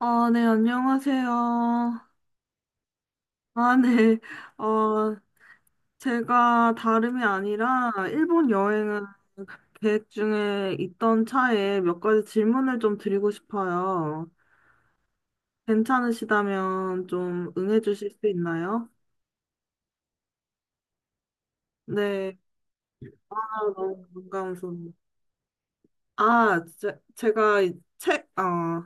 네, 안녕하세요. 아, 네. 어, 제가 다름이 아니라 일본 여행을 계획 중에 있던 차에 몇 가지 질문을 좀 드리고 싶어요. 괜찮으시다면 좀 응해 주실 수 있나요? 네. 아, 너무 반가운 소리. 제가 이 책,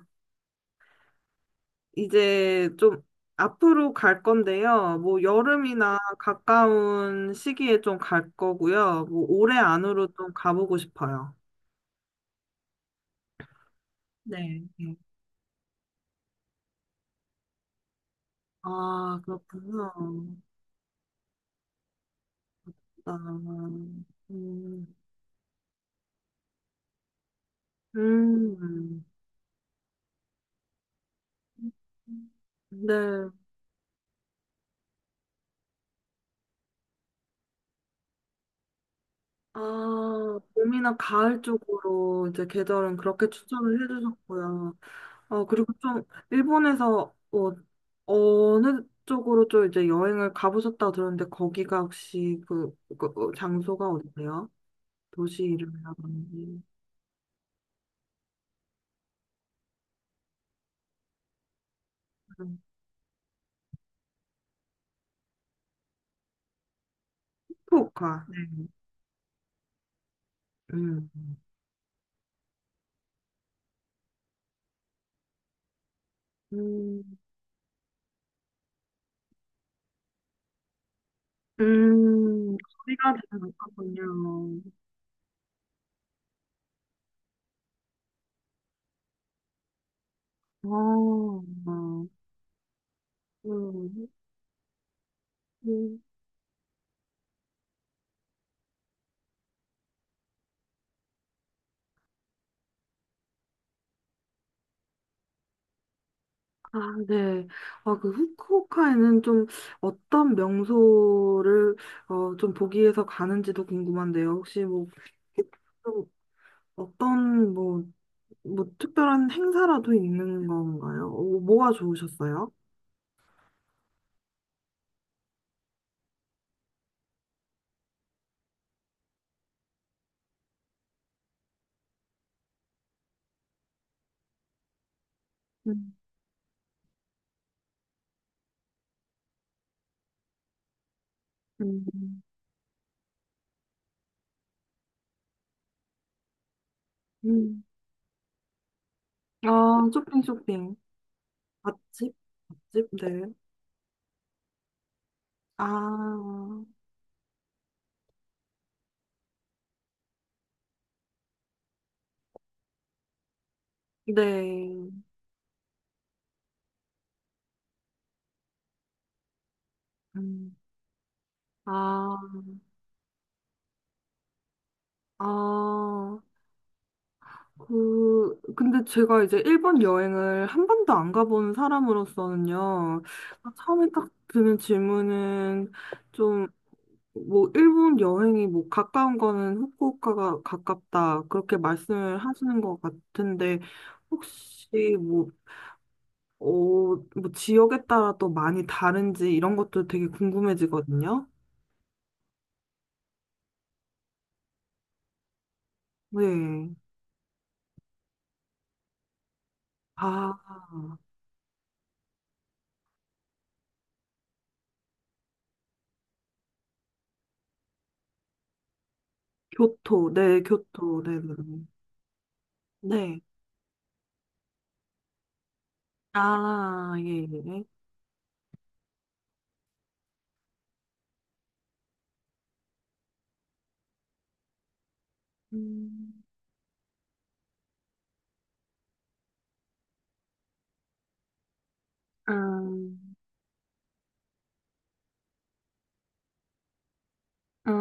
이제 좀 앞으로 갈 건데요. 뭐 여름이나 가까운 시기에 좀 갈 거고요. 뭐 올해 안으로 좀 가보고 싶어요. 네. 네. 아, 그렇군요. 아, 음, 음, 네. 아, 봄이나 가을 쪽으로 이제 계절은 그렇게 추천을 해주셨고요. 그리고 좀 일본에서 어느 쪽으로 좀 이제 여행을 가보셨다고 들었는데 거기가 혹시 장소가 어디세요? 도시 이름이라든지. 음, 후쿠오카. 네. 음. 음. 거리가 되게 가깝군요. 아, 아. 음. 음. 아, 네. 아, 그 후쿠오카에는 좀 어떤 명소를 좀 보기 위해서 가는지도 궁금한데요. 혹시 그 좀 어떤 뭐, 뭐 특별한 행사라도 있는 건가요? 뭐가 좋으셨어요? 음, 음. 음. 아, 쇼핑, 쇼핑. 맛집? 맛집? 네. 아, 네. 음. 아, 아. 그, 근데 제가 이제 일본 여행을 한 번도 안 가본 사람으로서는요, 처음에 딱 드는 질문은 좀, 뭐, 일본 여행이 뭐, 가까운 거는 후쿠오카가 가깝다, 그렇게 말씀을 하시는 것 같은데, 혹시 뭐, 어, 뭐, 지역에 따라 또 많이 다른지 이런 것도 되게 궁금해지거든요. 네. 아, 교토, 네, 교토, 네, 네. 네. 아, 예, 예. 음, 아, 아,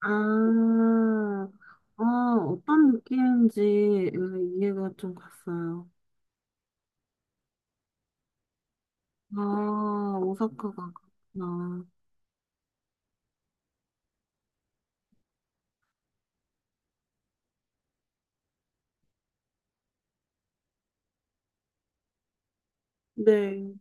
아, 아, 어떤 느낌인지 이해가 좀 갔어요. 아, 오사카가 그렇구나. 네,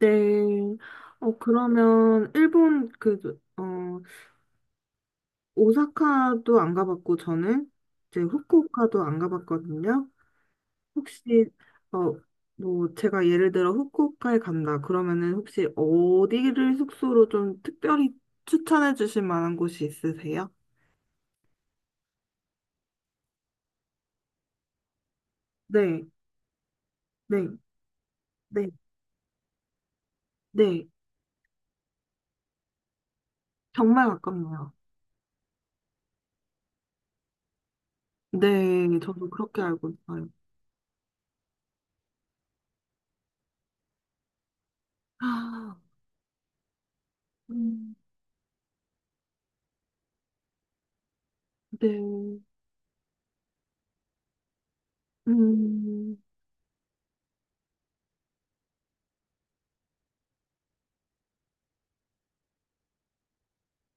네. 그러면 일본 오사카도 안 가봤고 저는 이제 후쿠오카도 안 가봤거든요. 혹시 어, 뭐 제가 예를 들어 후쿠오카에 간다. 그러면은 혹시 어디를 숙소로 좀 특별히 추천해 주실 만한 곳이 있으세요? 네, 네, 네, 네. 정말 가깝네요. 네, 저도 그렇게 알고 있어요. 아, 음, 네, 음,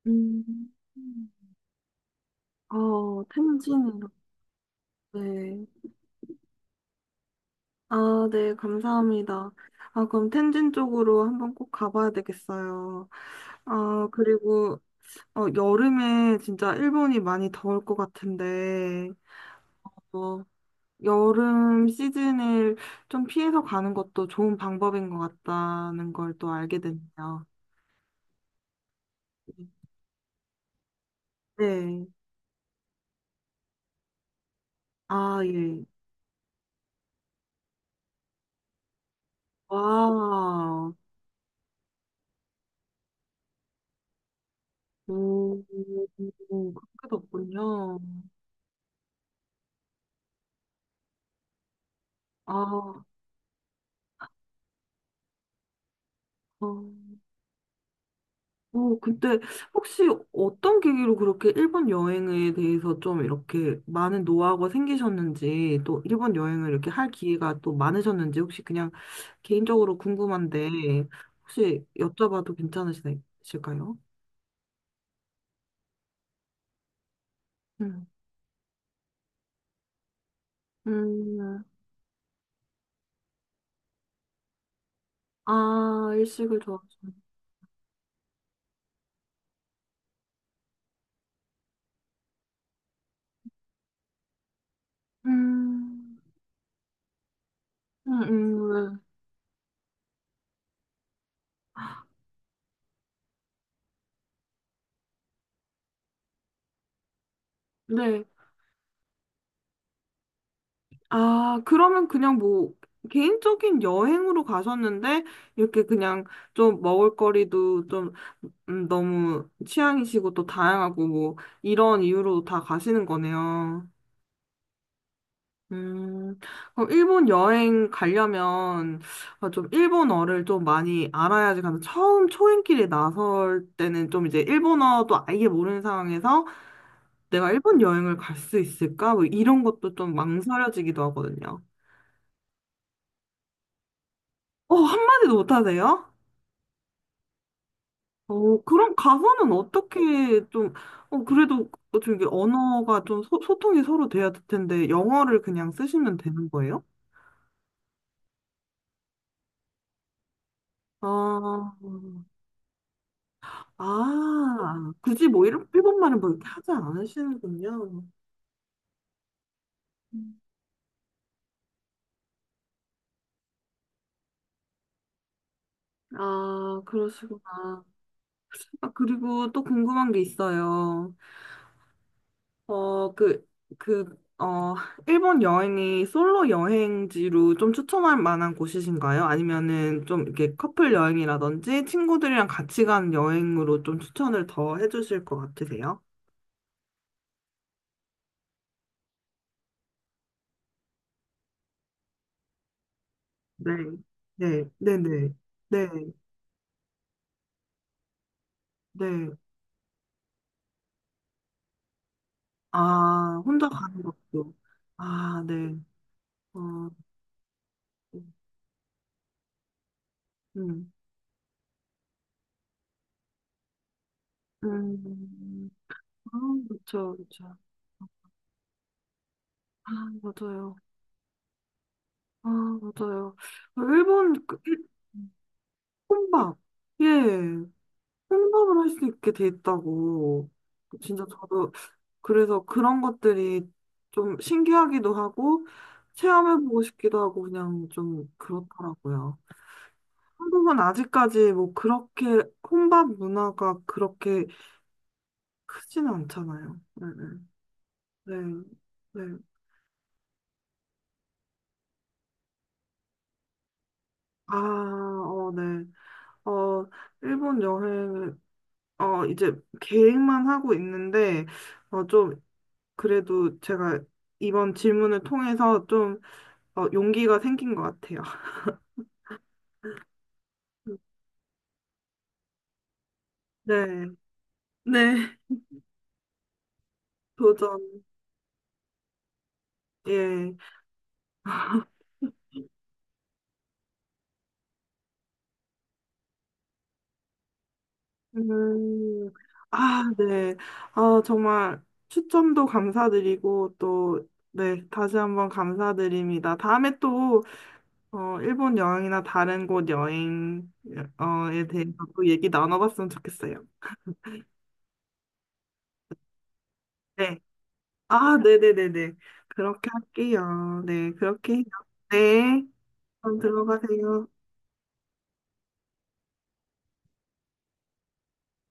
음, 아, 텐진이요. 네. 아, 네, 감사합니다. 아, 그럼 텐진 쪽으로 한번 꼭 가봐야 되겠어요. 아, 그리고 여름에 진짜 일본이 많이 더울 것 같은데, 어, 여름 시즌을 좀 피해서 가는 것도 좋은 방법인 것 같다는 걸 또 알게 됐네요. 네. 아, 예. 와, 오, 그렇게 덥군요. 아, 어, 오, 근데 혹시 어떤 계기로 그렇게 일본 여행에 대해서 좀 이렇게 많은 노하우가 생기셨는지, 또 일본 여행을 이렇게 할 기회가 또 많으셨는지, 혹시 그냥 개인적으로 궁금한데, 혹시 여쭤봐도 괜찮으실까요? 음. 음, 아, 일식을 좋아하죠. 음, 음, 음, 네. 네. 아, 그러면 그냥 뭐, 개인적인 여행으로 가셨는데, 이렇게 그냥 좀 먹을거리도 좀 너무 취향이시고 또 다양하고 뭐, 이런 이유로 다 가시는 거네요. 음, 그럼 일본 여행 가려면 아, 좀 일본어를 좀 많이 알아야지 가는 처음 초행길에 나설 때는 좀 이제 일본어도 아예 모르는 상황에서 내가 일본 여행을 갈 수 있을까? 뭐 이런 것도 좀 망설여지기도 하거든요. 어, 한마디도 못하세요? 그럼 가서는 어떻게 좀, 그래도 뭐 좀이 언어가 좀 소통이 서로 돼야 될 텐데 영어를 그냥 쓰시면 되는 거예요? 아, 아, 굳이 뭐일런 일본말은 뭐 이렇게 하지 않으시는군요. 아, 그러시구나. 아, 그리고 또 궁금한 게 있어요. 어, 그, 그, 어, 일본 여행이 솔로 여행지로 좀 추천할 만한 곳이신가요? 아니면은 좀 이렇게 커플 여행이라든지 친구들이랑 같이 간 여행으로 좀 추천을 더 해주실 것 같으세요? 네, 네, 네, 네, 네, 네. 아, 혼자 가는 것도. 아, 네. 어, 음, 음, 아, 그쵸, 그쵸. 아, 맞아요. 아, 맞아요. 아, 일본 그 혼밥, 예, 혼밥을 할 수 있게 돼 있다고. 진짜 저도 그래서 그런 것들이 좀 신기하기도 하고 체험해보고 싶기도 하고 그냥 좀 그렇더라고요. 한국은 아직까지 뭐 그렇게 혼밥 문화가 그렇게 크진 않잖아요. 네, 네, 네. 네. 아, 어, 네. 어, 일본 여행, 이제 계획만 하고 있는데, 어, 좀, 그래도 제가 이번 질문을 통해서 좀, 용기가 생긴 것 같아요. 네, 네, 도전, 예. 음, 아, 네. 아, 정말 추천도 감사드리고, 또, 네, 다시 한번 감사드립니다. 다음에 또, 일본 여행이나 다른 곳 여행, 어,에 대해서 또 얘기 나눠봤으면 좋겠어요. 네. 아, 네네네네. 그렇게 할게요. 네, 그렇게 해요. 네, 그럼 들어가세요.